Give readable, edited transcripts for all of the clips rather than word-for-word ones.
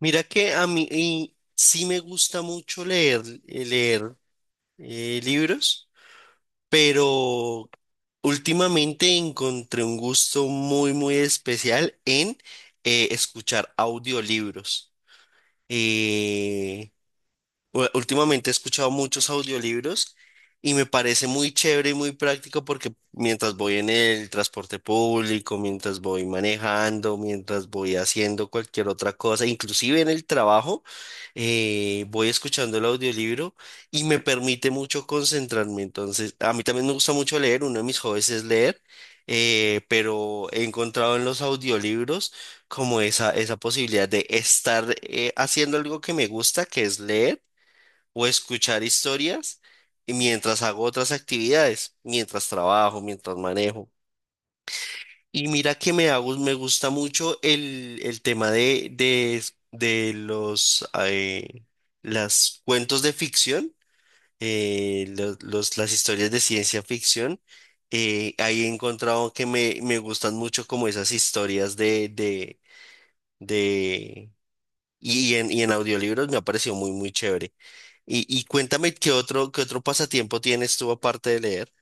Mira que a mí y sí me gusta mucho leer, leer libros, pero últimamente encontré un gusto muy, muy especial en escuchar audiolibros. Eh, Últimamente he escuchado muchos audiolibros y me parece muy chévere y muy práctico porque mientras voy en el transporte público, mientras voy manejando, mientras voy haciendo cualquier otra cosa, inclusive en el trabajo, voy escuchando el audiolibro y me permite mucho concentrarme. Entonces, a mí también me gusta mucho leer, uno de mis hobbies es leer, pero he encontrado en los audiolibros como esa posibilidad de estar haciendo algo que me gusta, que es leer o escuchar historias y mientras hago otras actividades, mientras trabajo, mientras manejo. Y mira que me hago, me gusta mucho el tema de los las cuentos de ficción, las historias de ciencia ficción. Ahí he encontrado que me gustan mucho como esas historias de y en audiolibros me ha parecido muy, muy chévere. Y cuéntame qué otro pasatiempo tienes tú aparte de leer.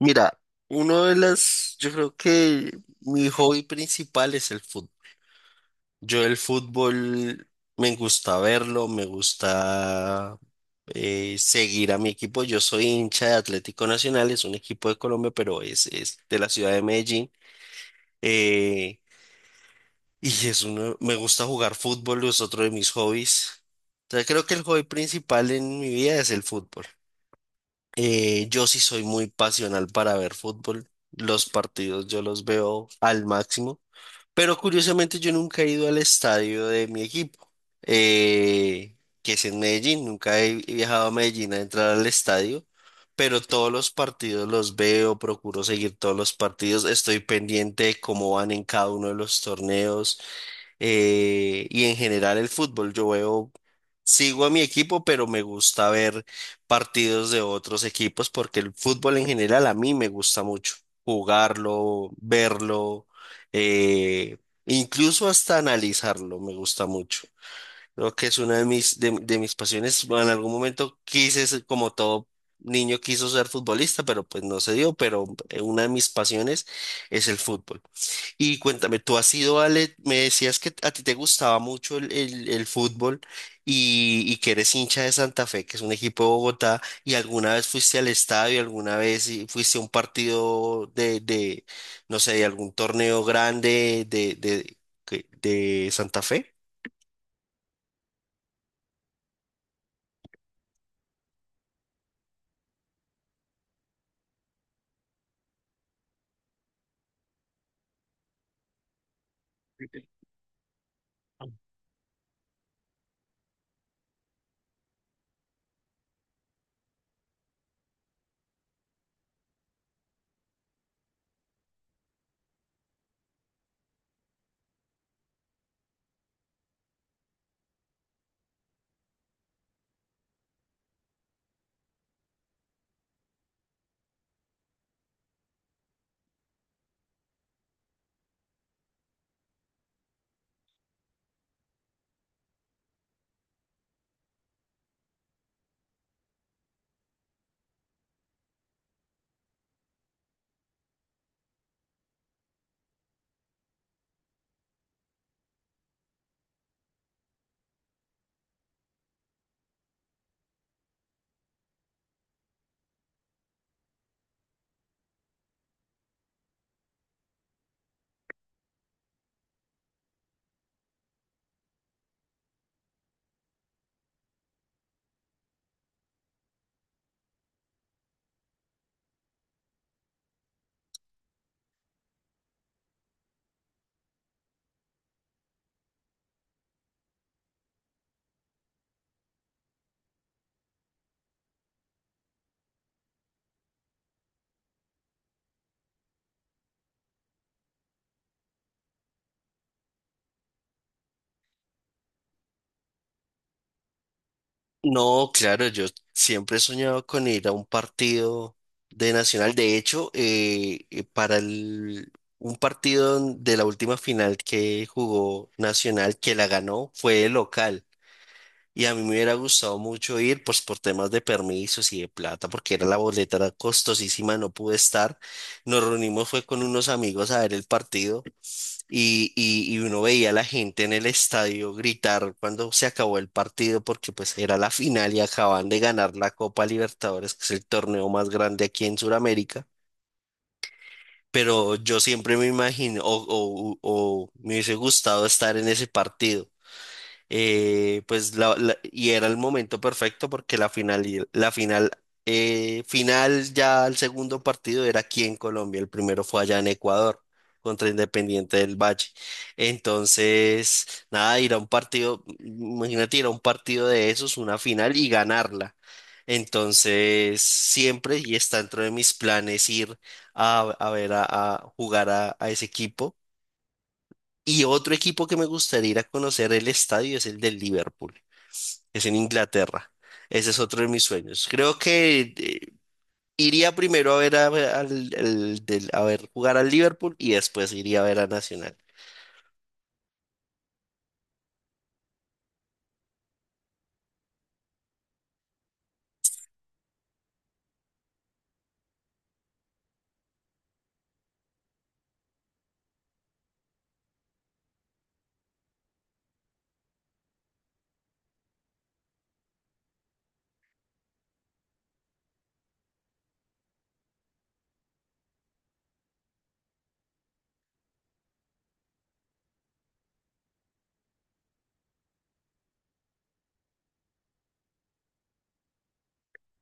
Mira, uno de las, yo creo que mi hobby principal es el fútbol. Yo el fútbol me gusta verlo, me gusta seguir a mi equipo. Yo soy hincha de Atlético Nacional, es un equipo de Colombia, pero es de la ciudad de Medellín. Eh, Y es uno, me gusta jugar fútbol, es otro de mis hobbies. Entonces creo que el hobby principal en mi vida es el fútbol. Yo sí soy muy pasional para ver fútbol. Los partidos yo los veo al máximo. Pero curiosamente yo nunca he ido al estadio de mi equipo, que es en Medellín. Nunca he viajado a Medellín a entrar al estadio. Pero todos los partidos los veo, procuro seguir todos los partidos. Estoy pendiente de cómo van en cada uno de los torneos y en general el fútbol. Yo veo, sigo a mi equipo, pero me gusta ver partidos de otros equipos porque el fútbol en general a mí me gusta mucho jugarlo, verlo, eh, incluso hasta analizarlo, me gusta mucho. Creo que es una de mis, de mis pasiones. Bueno, en algún momento quise ser, como todo niño quiso ser futbolista, pero pues no se dio, pero una de mis pasiones es el fútbol. Y cuéntame, tú has ido a... le- Me decías que a ti te gustaba mucho el fútbol y que eres hincha de Santa Fe, que es un equipo de Bogotá, y alguna vez fuiste al estadio, alguna vez y- fuiste a un partido no sé, de algún torneo grande que- de Santa Fe. No, claro, yo siempre he soñado con ir a un partido de Nacional. De hecho, para el- un partido de la última final que jugó Nacional, que la ganó, fue el local. Y a mí me hubiera gustado mucho ir, pues por temas de permisos y de plata, porque era la boleta, era costosísima, no pude estar. Nos reunimos, fue con unos amigos a ver el partido. Y uno veía a la gente en el estadio gritar cuando se acabó el partido, porque pues era la final y acaban de ganar la Copa Libertadores, que es el torneo más grande aquí en Sudamérica. Pero yo siempre me imagino, o me hubiese gustado estar en ese partido pues la- la- y era el momento perfecto porque la final, y- la final, final ya el segundo partido era aquí en Colombia, el primero fue allá en Ecuador contra Independiente del Valle. Entonces, nada, ir a un partido, imagínate ir a un partido de esos, una final y ganarla. Entonces, siempre y está dentro de mis planes ir a ver a jugar a ese equipo. Y otro equipo que me gustaría ir a conocer el estadio es el del Liverpool es en Inglaterra. Ese es otro de mis sueños. Creo que iría primero a ver a, al- al- del- a ver jugar al Liverpool y después iría a ver a Nacional.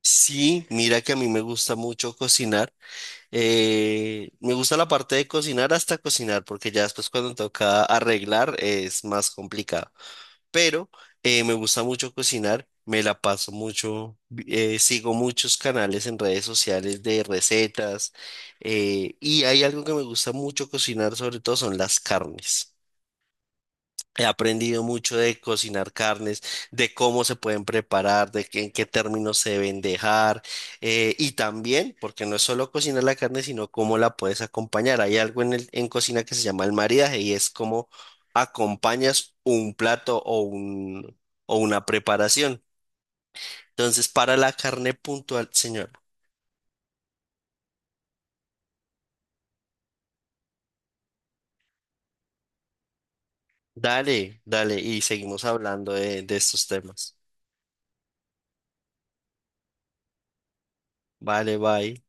Sí, mira que a mí me gusta mucho cocinar. Me gusta la parte de cocinar hasta cocinar, porque ya después cuando toca arreglar es más complicado. Pero me gusta mucho cocinar, me la paso mucho, sigo muchos canales en redes sociales de recetas y hay algo que me gusta mucho cocinar, sobre todo son las carnes. He aprendido mucho de cocinar carnes, de cómo se pueden preparar, de qué- en qué términos se deben dejar, y también, porque no es solo cocinar la carne, sino cómo la puedes acompañar. Hay algo en el- en cocina que se llama el maridaje y es cómo acompañas un plato o un, o una preparación. Entonces, para la carne puntual, señor, dale, dale, y seguimos hablando de estos temas. Vale, bye.